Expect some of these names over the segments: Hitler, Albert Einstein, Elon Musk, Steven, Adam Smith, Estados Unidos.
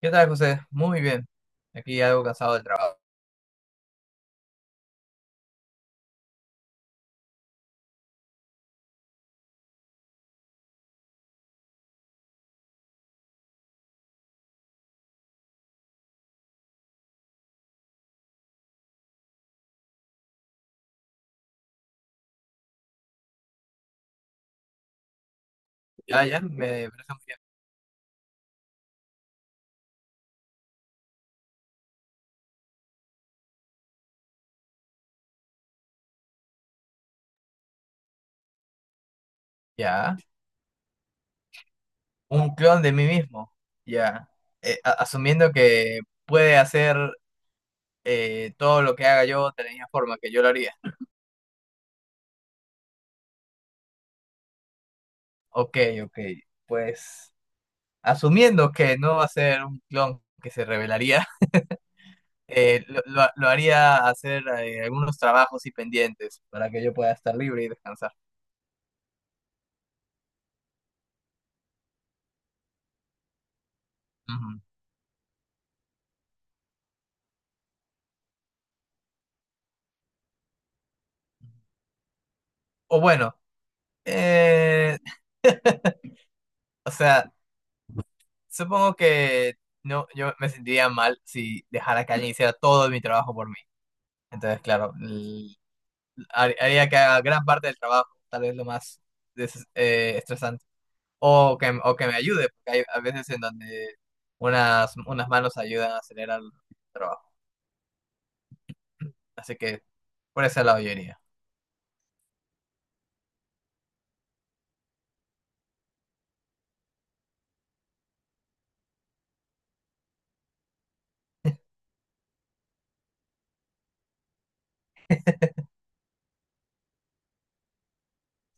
¿Qué tal, José? Muy bien. Aquí algo cansado del trabajo. Ya, ya, me parece muy bien. Ya. Un clon de mí mismo. Ya. Asumiendo que puede hacer todo lo que haga yo de la misma forma que yo lo haría. Ok, ok. Pues asumiendo que no va a ser un clon que se revelaría. Lo haría hacer algunos trabajos y pendientes para que yo pueda estar libre y descansar. Ujú. O bueno, eh, o sea. Supongo que no, yo me sentiría mal si dejara que alguien hiciera todo mi trabajo por mí. Entonces, claro, haría que haga gran parte del trabajo, tal vez lo más estresante. O que me ayude, porque hay a veces en donde unas manos ayudan a acelerar el trabajo. Así que por ese lado yo iría.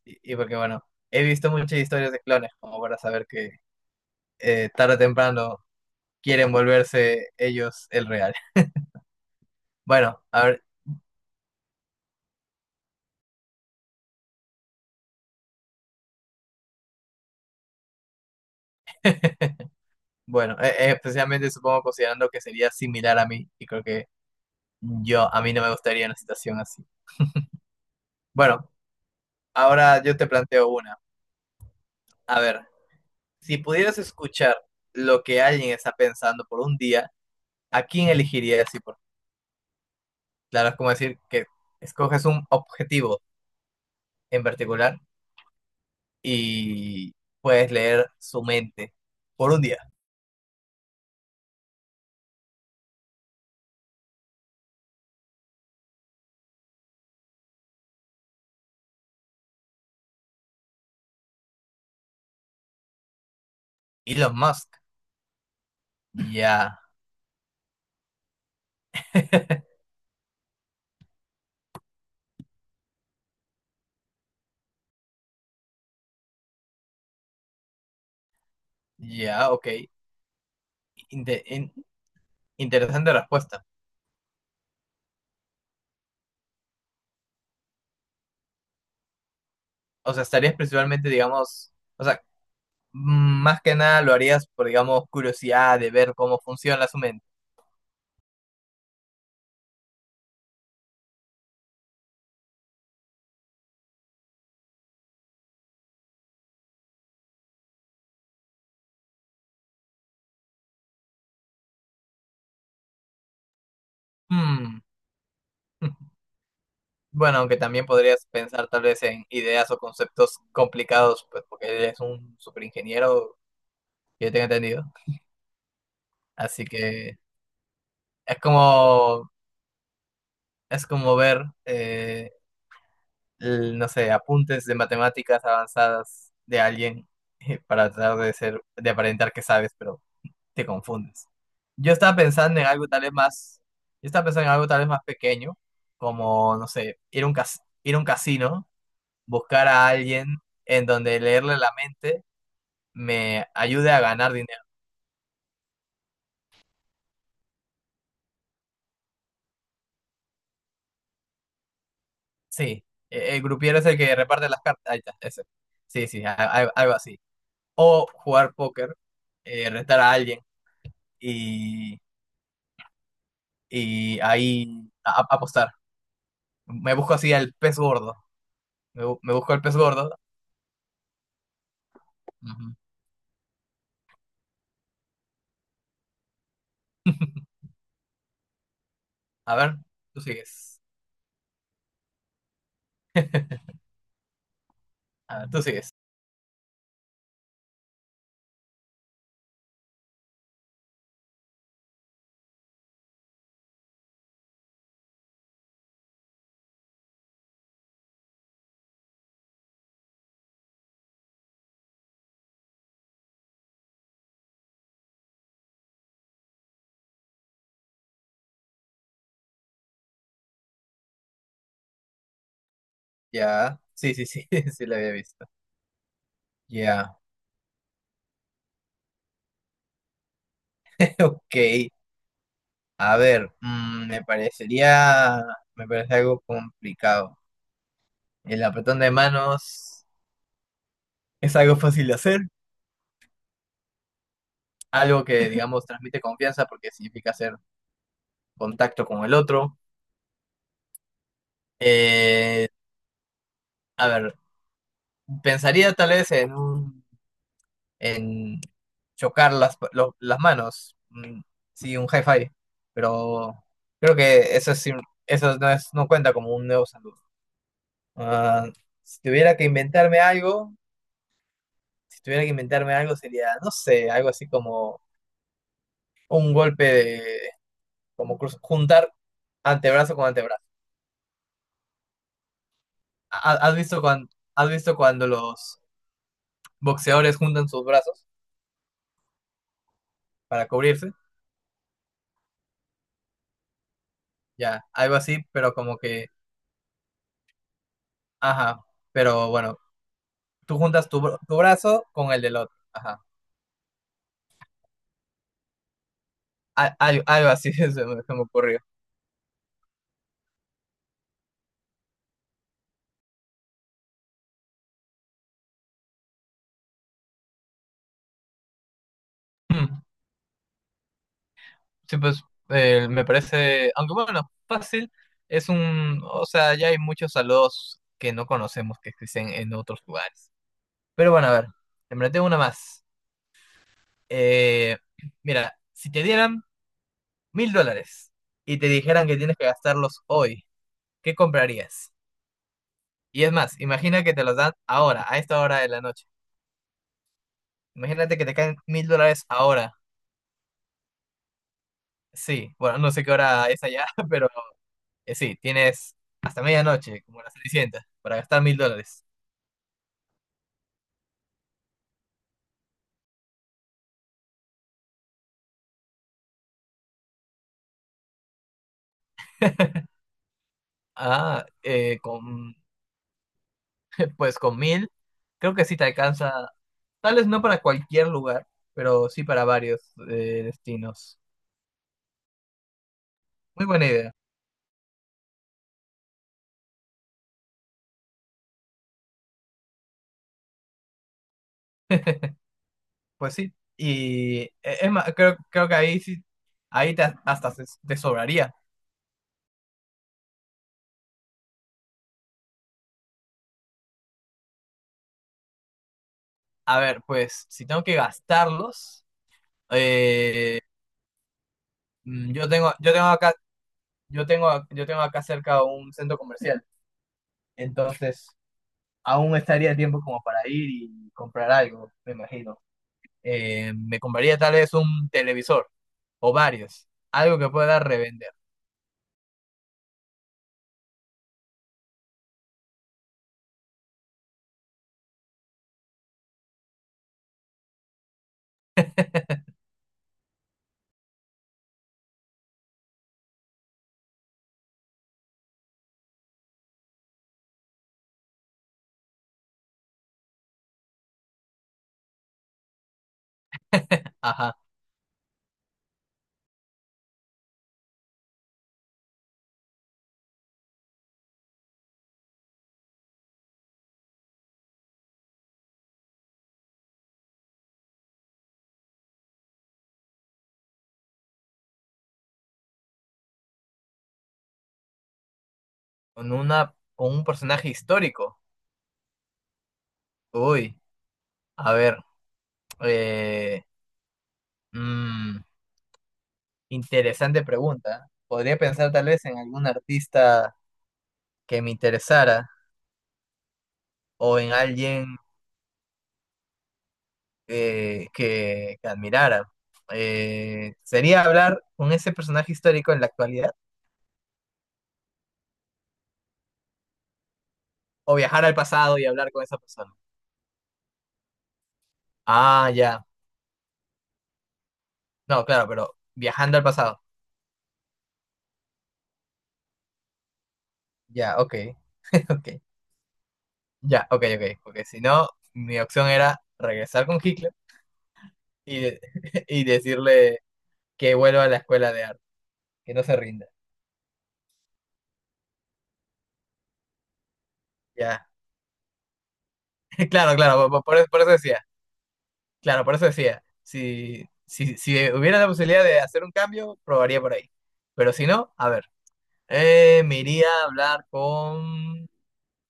Y porque, bueno, he visto muchas historias de clones como para saber que tarde o temprano quieren volverse ellos el real. Bueno, a ver. Bueno, especialmente supongo considerando que sería similar a mí y creo que a mí no me gustaría una situación así. Bueno, ahora yo te planteo una. A ver, si pudieras escuchar lo que alguien está pensando por un día, ¿a quién elegirías y por qué? Claro, es como decir que escoges un objetivo en particular y puedes leer su mente por un día. Elon Musk. Ya, ya, ok. Inte- in- Interesante respuesta. O sea, estarías principalmente, digamos, o sea, más que nada lo harías por, digamos, curiosidad de ver cómo funciona su mente. Mm. Bueno, aunque también podrías pensar tal vez en ideas o conceptos complicados, pues porque él es un superingeniero, que yo tengo entendido. Así que es como, ver, no sé, apuntes de matemáticas avanzadas de alguien para tratar de ser, de aparentar que sabes, pero te confundes. Yo estaba pensando en algo tal vez más, yo estaba pensando en algo tal vez más pequeño, como, no sé, ir a un casino, buscar a alguien en donde leerle la mente me ayude a ganar dinero. Sí, el grupiero es el que reparte las cartas. Ahí está, ese. Sí, sí, algo así. O jugar póker, retar a alguien y, y ahí apostar. Me busco así al pez gordo. Me busco al pez gordo. Ujú. A ver, tú sigues. Ah, tú sigues. Ya. Sí, sí, sí, sí la había visto. Ya. Ok. A ver, me parece algo complicado. El apretón de manos es algo fácil de hacer, algo que, digamos, transmite confianza porque significa hacer contacto con el otro. Eh, a ver, pensaría tal vez en un en chocar las manos. Mm, sí, un hi-fi. Pero creo que eso, eso no, no cuenta como un nuevo saludo. Ah, si tuviera que inventarme algo, si tuviera que inventarme algo sería, no sé, algo así como un golpe de, juntar antebrazo con antebrazo. ¿Ha- ¿Has visto cuando, has visto cuando los boxeadores juntan sus brazos para cubrirse? Ya, algo así, pero como que, ajá, pero bueno, tú juntas tu, tu brazo con el del otro. Ajá. Algo así se me ocurrió. Mm, sí, pues me parece, aunque bueno, fácil, es un, o sea, ya hay muchos saludos que no conocemos que existen en otros lugares. Pero bueno, a ver, te planteo una más. Eh, Mira, si te dieran $1.000 y te dijeran que tienes que gastarlos hoy, ¿qué comprarías? Y es más, imagina que te los dan ahora, a esta hora de la noche. Imagínate que te caen $1.000 ahora. Sí, bueno, no sé qué hora es allá, pero sí, tienes hasta medianoche, como las Cenicienta, para gastar $1.000. Ah, pues con 1.000, creo que sí te alcanza, tal vez no para cualquier lugar, pero sí para varios destinos. Muy buena idea, pues sí. Y es más, creo que ahí sí, ahí te- hasta se- te sobraría. A ver, pues si tengo que gastarlos, eh, mm, yo tengo, yo tengo acá, yo tengo acá cerca un centro comercial. Entonces, aún estaría el tiempo como para ir y comprar algo, me imagino. Me compraría tal vez un televisor o varios, algo que pueda revender. Ajá, con un personaje histórico. Uy, a ver, eh, mm, interesante pregunta. Podría pensar tal vez en algún artista que me interesara o en alguien que admirara. ¿Sería hablar con ese personaje histórico en la actualidad? O viajar al pasado y hablar con esa persona. Ah, ya. No, claro, pero viajando al pasado. Ya, ok, ok. Ya, ok, ok. Porque si no, mi opción era regresar con Hitler y, de- y decirle que vuelva a la escuela de arte, que no se rinda. Ya. Claro, claro, por eso decía. Claro, por eso decía. Si hubiera la posibilidad de hacer un cambio, probaría por ahí. Pero si no, a ver. Me iría a hablar con...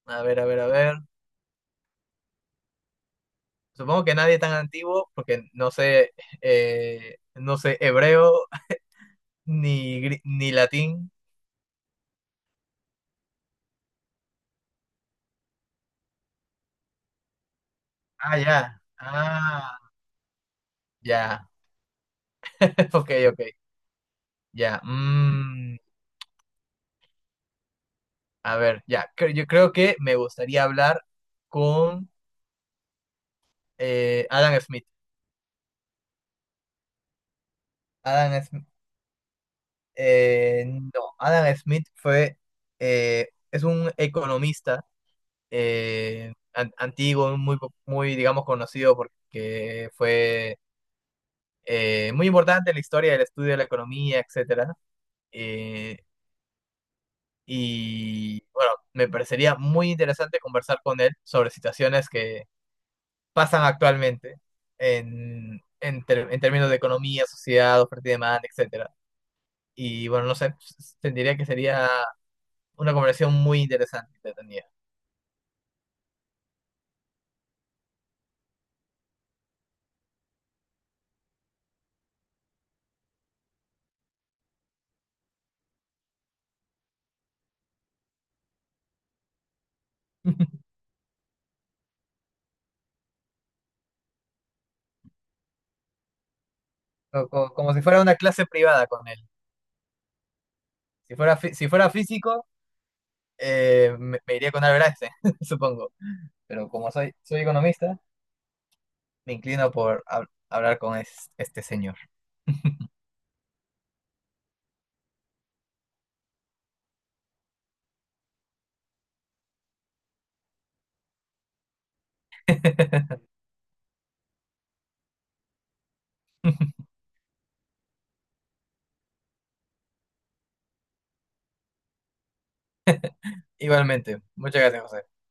A ver. Supongo que nadie tan antiguo, porque no sé, no sé hebreo ni latín. Ah, ya. Ah, ya. Ok, ok. Ya. Mm, a ver, ya. Yo creo que me gustaría hablar con Adam Smith. Adam Smith, no, Adam Smith es un economista antiguo, muy, digamos, conocido porque fue muy importante en la historia del estudio de la economía, etcétera. Eh, y bueno, me parecería muy interesante conversar con él sobre situaciones que pasan actualmente en, en términos de economía, sociedad, oferta y demanda, etcétera. Y bueno, no sé, sentiría que sería una conversación muy interesante, entretenida. Como si fuera una clase privada con él. Si fuera físico, me iría con Albert Einstein, supongo. Pero como soy economista, me inclino por hablar con este señor. Igualmente, muchas gracias, José.